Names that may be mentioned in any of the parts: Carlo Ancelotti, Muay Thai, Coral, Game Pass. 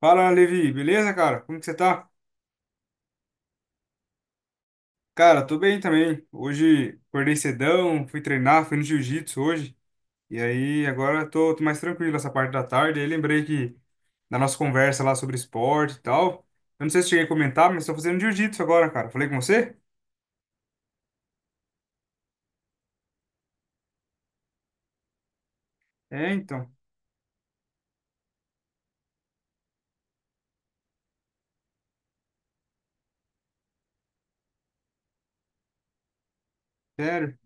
Fala, Levi, beleza, cara? Como que você tá? Cara, tô bem também. Hoje acordei cedão, fui treinar, fui no jiu-jitsu hoje. E aí agora tô mais tranquilo essa parte da tarde. Aí lembrei que da nossa conversa lá sobre esporte e tal. Eu não sei se cheguei a comentar, mas tô fazendo jiu-jitsu agora, cara. Falei com você? É, então. Sério?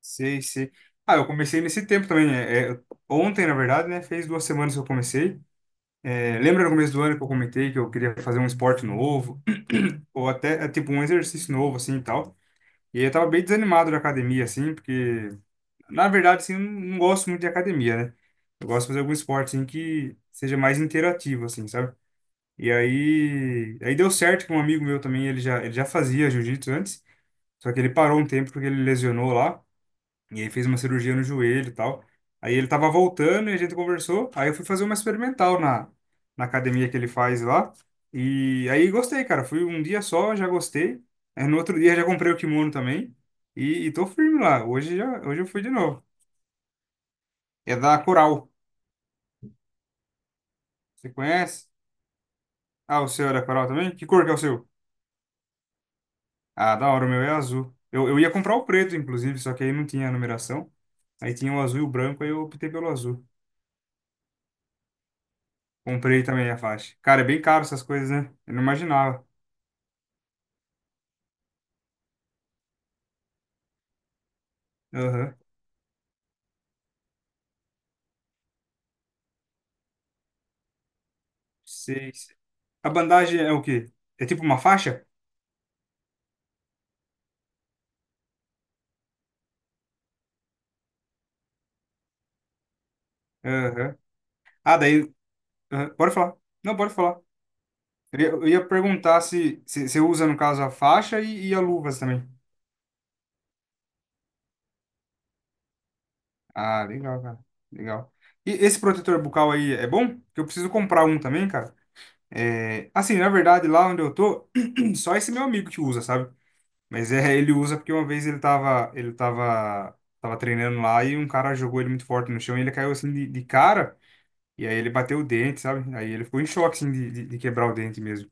Sei, sei. Ah, eu comecei nesse tempo também. É, é, ontem, na verdade, né? Fez 2 semanas que eu comecei. É, lembra no começo do ano que eu comentei que eu queria fazer um esporte novo? Ou até, é, tipo, um exercício novo, assim, e tal. E eu tava bem desanimado da academia, assim, porque, na verdade, assim, eu não gosto muito de academia, né? Eu gosto de fazer algum esporte, assim, que seja mais interativo, assim, sabe? E aí deu certo que um amigo meu também, ele já fazia jiu-jitsu antes, só que ele parou um tempo porque ele lesionou lá. E aí fez uma cirurgia no joelho e tal. Aí ele tava voltando e a gente conversou. Aí eu fui fazer uma experimental na academia que ele faz lá. E aí gostei, cara. Fui um dia só, já gostei. Aí no outro dia já comprei o kimono também. E tô firme lá. Hoje, já, hoje eu fui de novo. É da Coral. Você conhece? Ah, o seu é da Coral também? Que cor que é o seu? Ah, da hora, o meu é azul. Eu ia comprar o preto, inclusive, só que aí não tinha a numeração. Aí tinha o azul e o branco, aí eu optei pelo azul. Comprei também a faixa. Cara, é bem caro essas coisas, né? Eu não imaginava. Aham. Sei, sei. A bandagem é o quê? É tipo uma faixa? Aham. Ah, daí. Aham. Pode falar. Não, pode falar. Eu ia perguntar se você usa, no caso, a faixa e a luvas também. Ah, legal, cara. Legal. E esse protetor bucal aí é bom? Porque eu preciso comprar um também, cara. É, assim, na verdade, lá onde eu tô, só esse meu amigo que usa, sabe? Mas é, ele usa porque uma vez ele tava treinando lá e um cara jogou ele muito forte no chão e ele caiu assim de, cara e aí ele bateu o dente, sabe? Aí ele ficou em choque assim de quebrar o dente mesmo.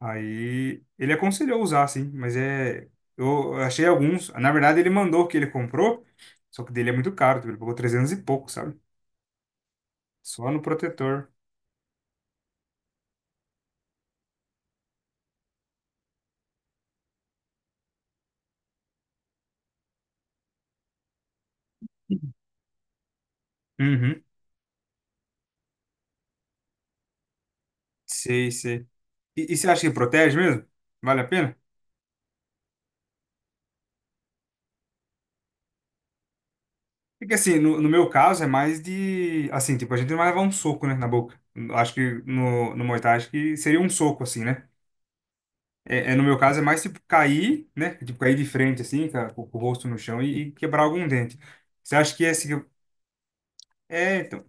Aí ele aconselhou usar assim, mas é eu achei alguns, na verdade ele mandou o que ele comprou, só que dele é muito caro, tipo, ele pagou 300 e pouco, sabe? Só no protetor. Uhum. Sei, sei. E você acha que protege mesmo? Vale a pena? Porque assim, no, meu caso é mais de. Assim, tipo, a gente não vai levar um soco, né, na boca. Acho que no Muay Thai, acho que seria um soco, assim, né? É, é, no meu caso é mais tipo cair, né? Tipo, cair de frente, assim, com o rosto no chão e quebrar algum dente. Você acha que esse. Que eu... É, então.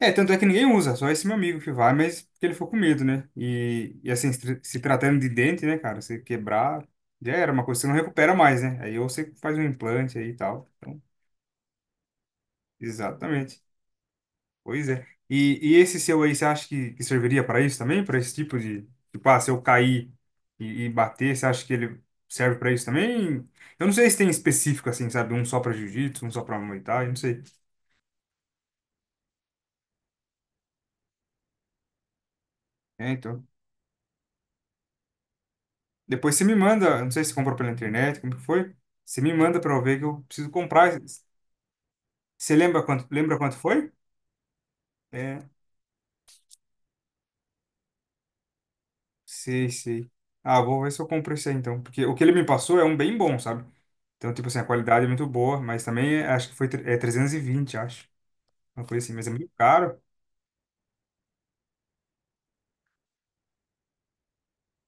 É, tanto é que ninguém usa, só esse meu amigo que vai, mas porque ele ficou com medo, né? E assim, se tratando de dente, né, cara, você quebrar, já era uma coisa que você não recupera mais, né? Aí ou você faz um implante aí e tal. Então, exatamente. Pois é. E esse seu aí, você acha que serviria para isso também? Para esse tipo de, tipo, ah, se eu cair e bater, você acha que ele serve para isso também? Eu não sei se tem específico assim, sabe? Um só para jiu-jitsu, um só para muay thai, não sei. É, então. Depois você me manda, eu não sei se comprou pela internet, como que foi? Você me manda para eu ver que eu preciso comprar. Você lembra quanto foi? É. Sei, sei. Ah, vou ver se eu compro esse aí então. Porque o que ele me passou é um bem bom, sabe? Então, tipo assim, a qualidade é muito boa, mas também é- acho que foi tre- é 320 acho. Uma coisa assim, mas é muito caro.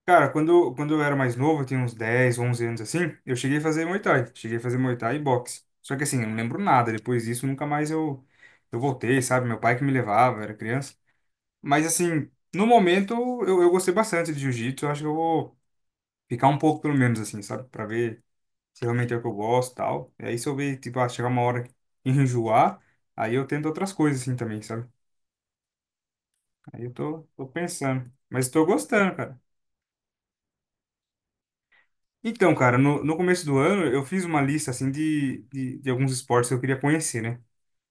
Cara, quando eu era mais novo, eu tinha uns 10 11 anos assim, eu cheguei a fazer Muay Thai. Cheguei a fazer Muay Thai e boxe. Só que assim, eu não lembro nada. Depois disso, nunca mais eu, voltei, sabe? Meu pai que me levava, eu era criança. Mas assim, no momento, eu gostei bastante de jiu-jitsu. Eu acho que eu vou ficar um pouco, pelo menos, assim, sabe? Pra ver se realmente é o que eu gosto e tal. E aí se eu ver, tipo, ah, chegar uma hora que enjoar, aí eu tento outras coisas assim também, sabe? Aí eu tô pensando. Mas tô gostando, cara. Então, cara, no começo do ano eu fiz uma lista assim de, de alguns esportes que eu queria conhecer, né?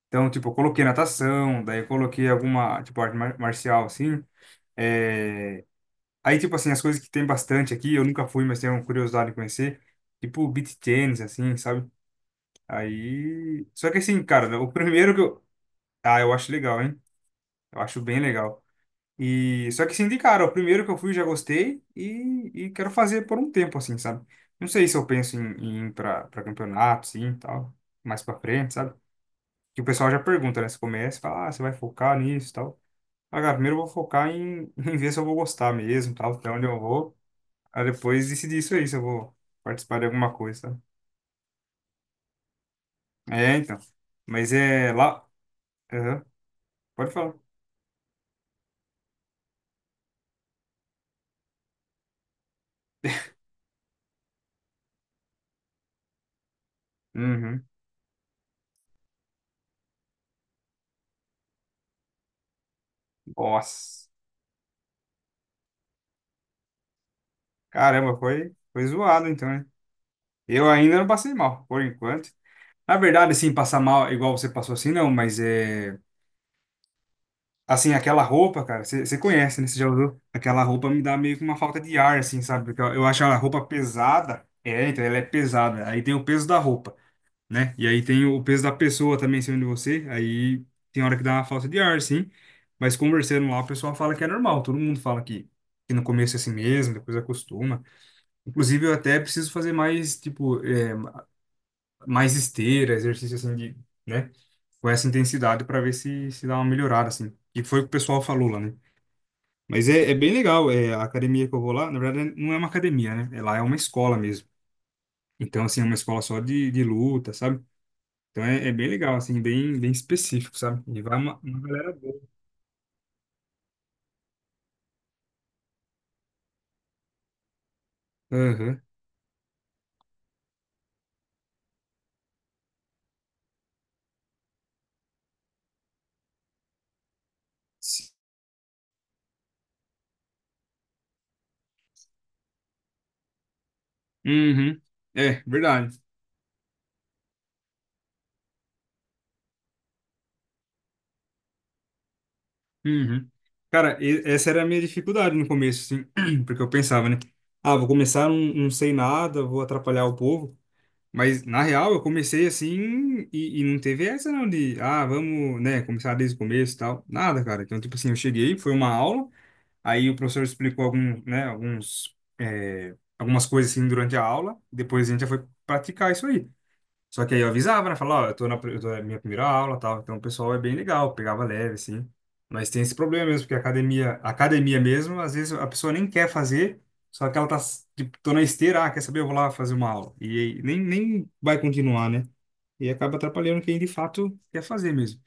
Então, tipo, eu coloquei natação, daí eu coloquei alguma, tipo, arte marcial, assim. É... Aí, tipo assim, as coisas que tem bastante aqui, eu nunca fui, mas tenho curiosidade de conhecer. Tipo, beach tennis, assim, sabe? Aí... Só que assim, cara, o primeiro que eu... Ah, eu acho legal, hein? Eu acho bem legal. E só que se indicaram, o primeiro que eu fui já gostei e quero fazer por um tempo assim, sabe? Não sei se eu penso em, em ir para campeonato, sim, e tal, mais para frente, sabe? Que o pessoal já pergunta, né? Você começa, e fala, ah, você vai focar nisso, e tal. Ah, cara, primeiro eu vou focar em, em ver se eu vou gostar mesmo, tal, até onde eu vou. Aí depois decidir isso aí, se eu vou participar de alguma coisa, sabe? É, então. Mas é lá. Aham. Pode falar. Uhum. Nossa. Caramba, foi, foi zoado então, né? Eu ainda não passei mal, por enquanto. Na verdade, assim, passar mal igual você passou assim, não, mas é. Assim, aquela roupa, cara, você conhece, né? Você já usou? Aquela roupa me dá meio que uma falta de ar, assim, sabe? Porque eu, acho a roupa pesada. É, então ela é pesada. Aí tem o peso da roupa, né? E aí tem o peso da pessoa também em cima de você. Aí tem hora que dá uma falta de ar, sim. Mas conversando lá, o pessoal fala que é normal. Todo mundo fala que no começo é assim mesmo, depois acostuma. Inclusive, eu até preciso fazer mais, tipo, mais esteira, exercício assim de, né, com essa intensidade para ver se dá uma melhorada assim. E foi o que o pessoal falou lá, né? Mas é, é bem legal, é a academia que eu vou lá, na verdade não é uma academia, né? É lá é uma escola mesmo. Então assim, é uma escola só de, luta, sabe? Então é, é bem legal assim, bem bem específico, sabe? E vai uma galera boa. Aham. Uhum. É, verdade. Uhum. Cara, e- essa era a minha dificuldade no começo, assim, porque eu pensava, né? Ah, vou começar, não sei nada, vou atrapalhar o povo. Mas, na real, eu comecei assim e não teve essa não de, ah, vamos, né, começar desde o começo e tal. Nada, cara. Então, tipo assim, eu cheguei, foi uma aula, aí o professor explicou algum, né, alguns, é, algumas coisas assim durante a aula, depois a gente já foi praticar isso aí. Só que aí eu avisava, né? Falava, ó, eu tô na minha primeira aula, tal. Então o pessoal é bem legal, pegava leve, assim. Mas tem esse problema mesmo, porque a academia mesmo, às vezes a pessoa nem quer fazer, só que ela tá, tipo, tô na esteira, ah, quer saber? Eu vou lá fazer uma aula. E aí nem vai continuar, né? E acaba atrapalhando quem de fato quer fazer mesmo.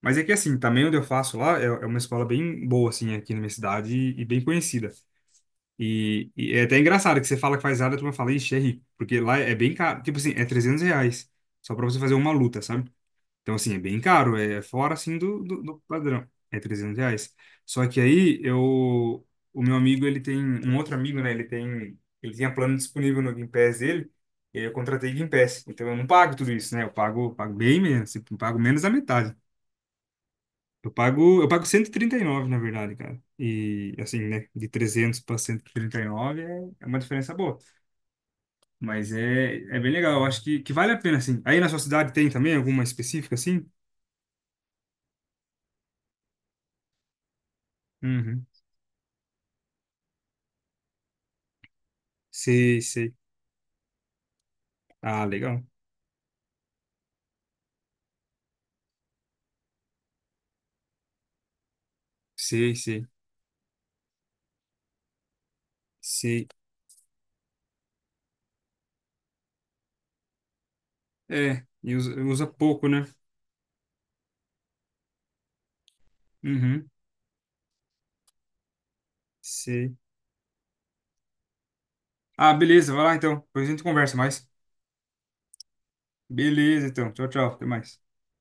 Mas é que assim, também onde eu faço lá é, é uma escola bem boa, assim, aqui na minha cidade e bem conhecida. E é até engraçado que você fala que faz área, tu turma fala, ixi, é rico. Porque lá é bem caro. Tipo assim, é R$ 300. Só pra você fazer uma luta, sabe? Então, assim, é bem caro. É fora, assim, do, do padrão. É R$ 300. Só que aí, eu... O meu amigo, ele tem... Um outro amigo, né? Ele tem... Ele tinha plano disponível no Game Pass dele. E aí eu contratei Game Pass. Então, eu não pago tudo isso, né? Eu pago bem menos. Tipo, eu pago menos da metade. Eu pago cento e trinta e nove na verdade, cara. E assim, né, de 300 para 139 é uma diferença boa, mas é, é bem legal, eu acho que vale a pena assim. Aí na sua cidade tem também alguma específica assim? Uhum. Sei, sei. Ah, legal. Sei, sei. Sei. É, e usa, usa pouco, né? Uhum. Sei. Ah, beleza, vai lá então. Depois a gente conversa mais. Beleza, então. Tchau, tchau. Até mais.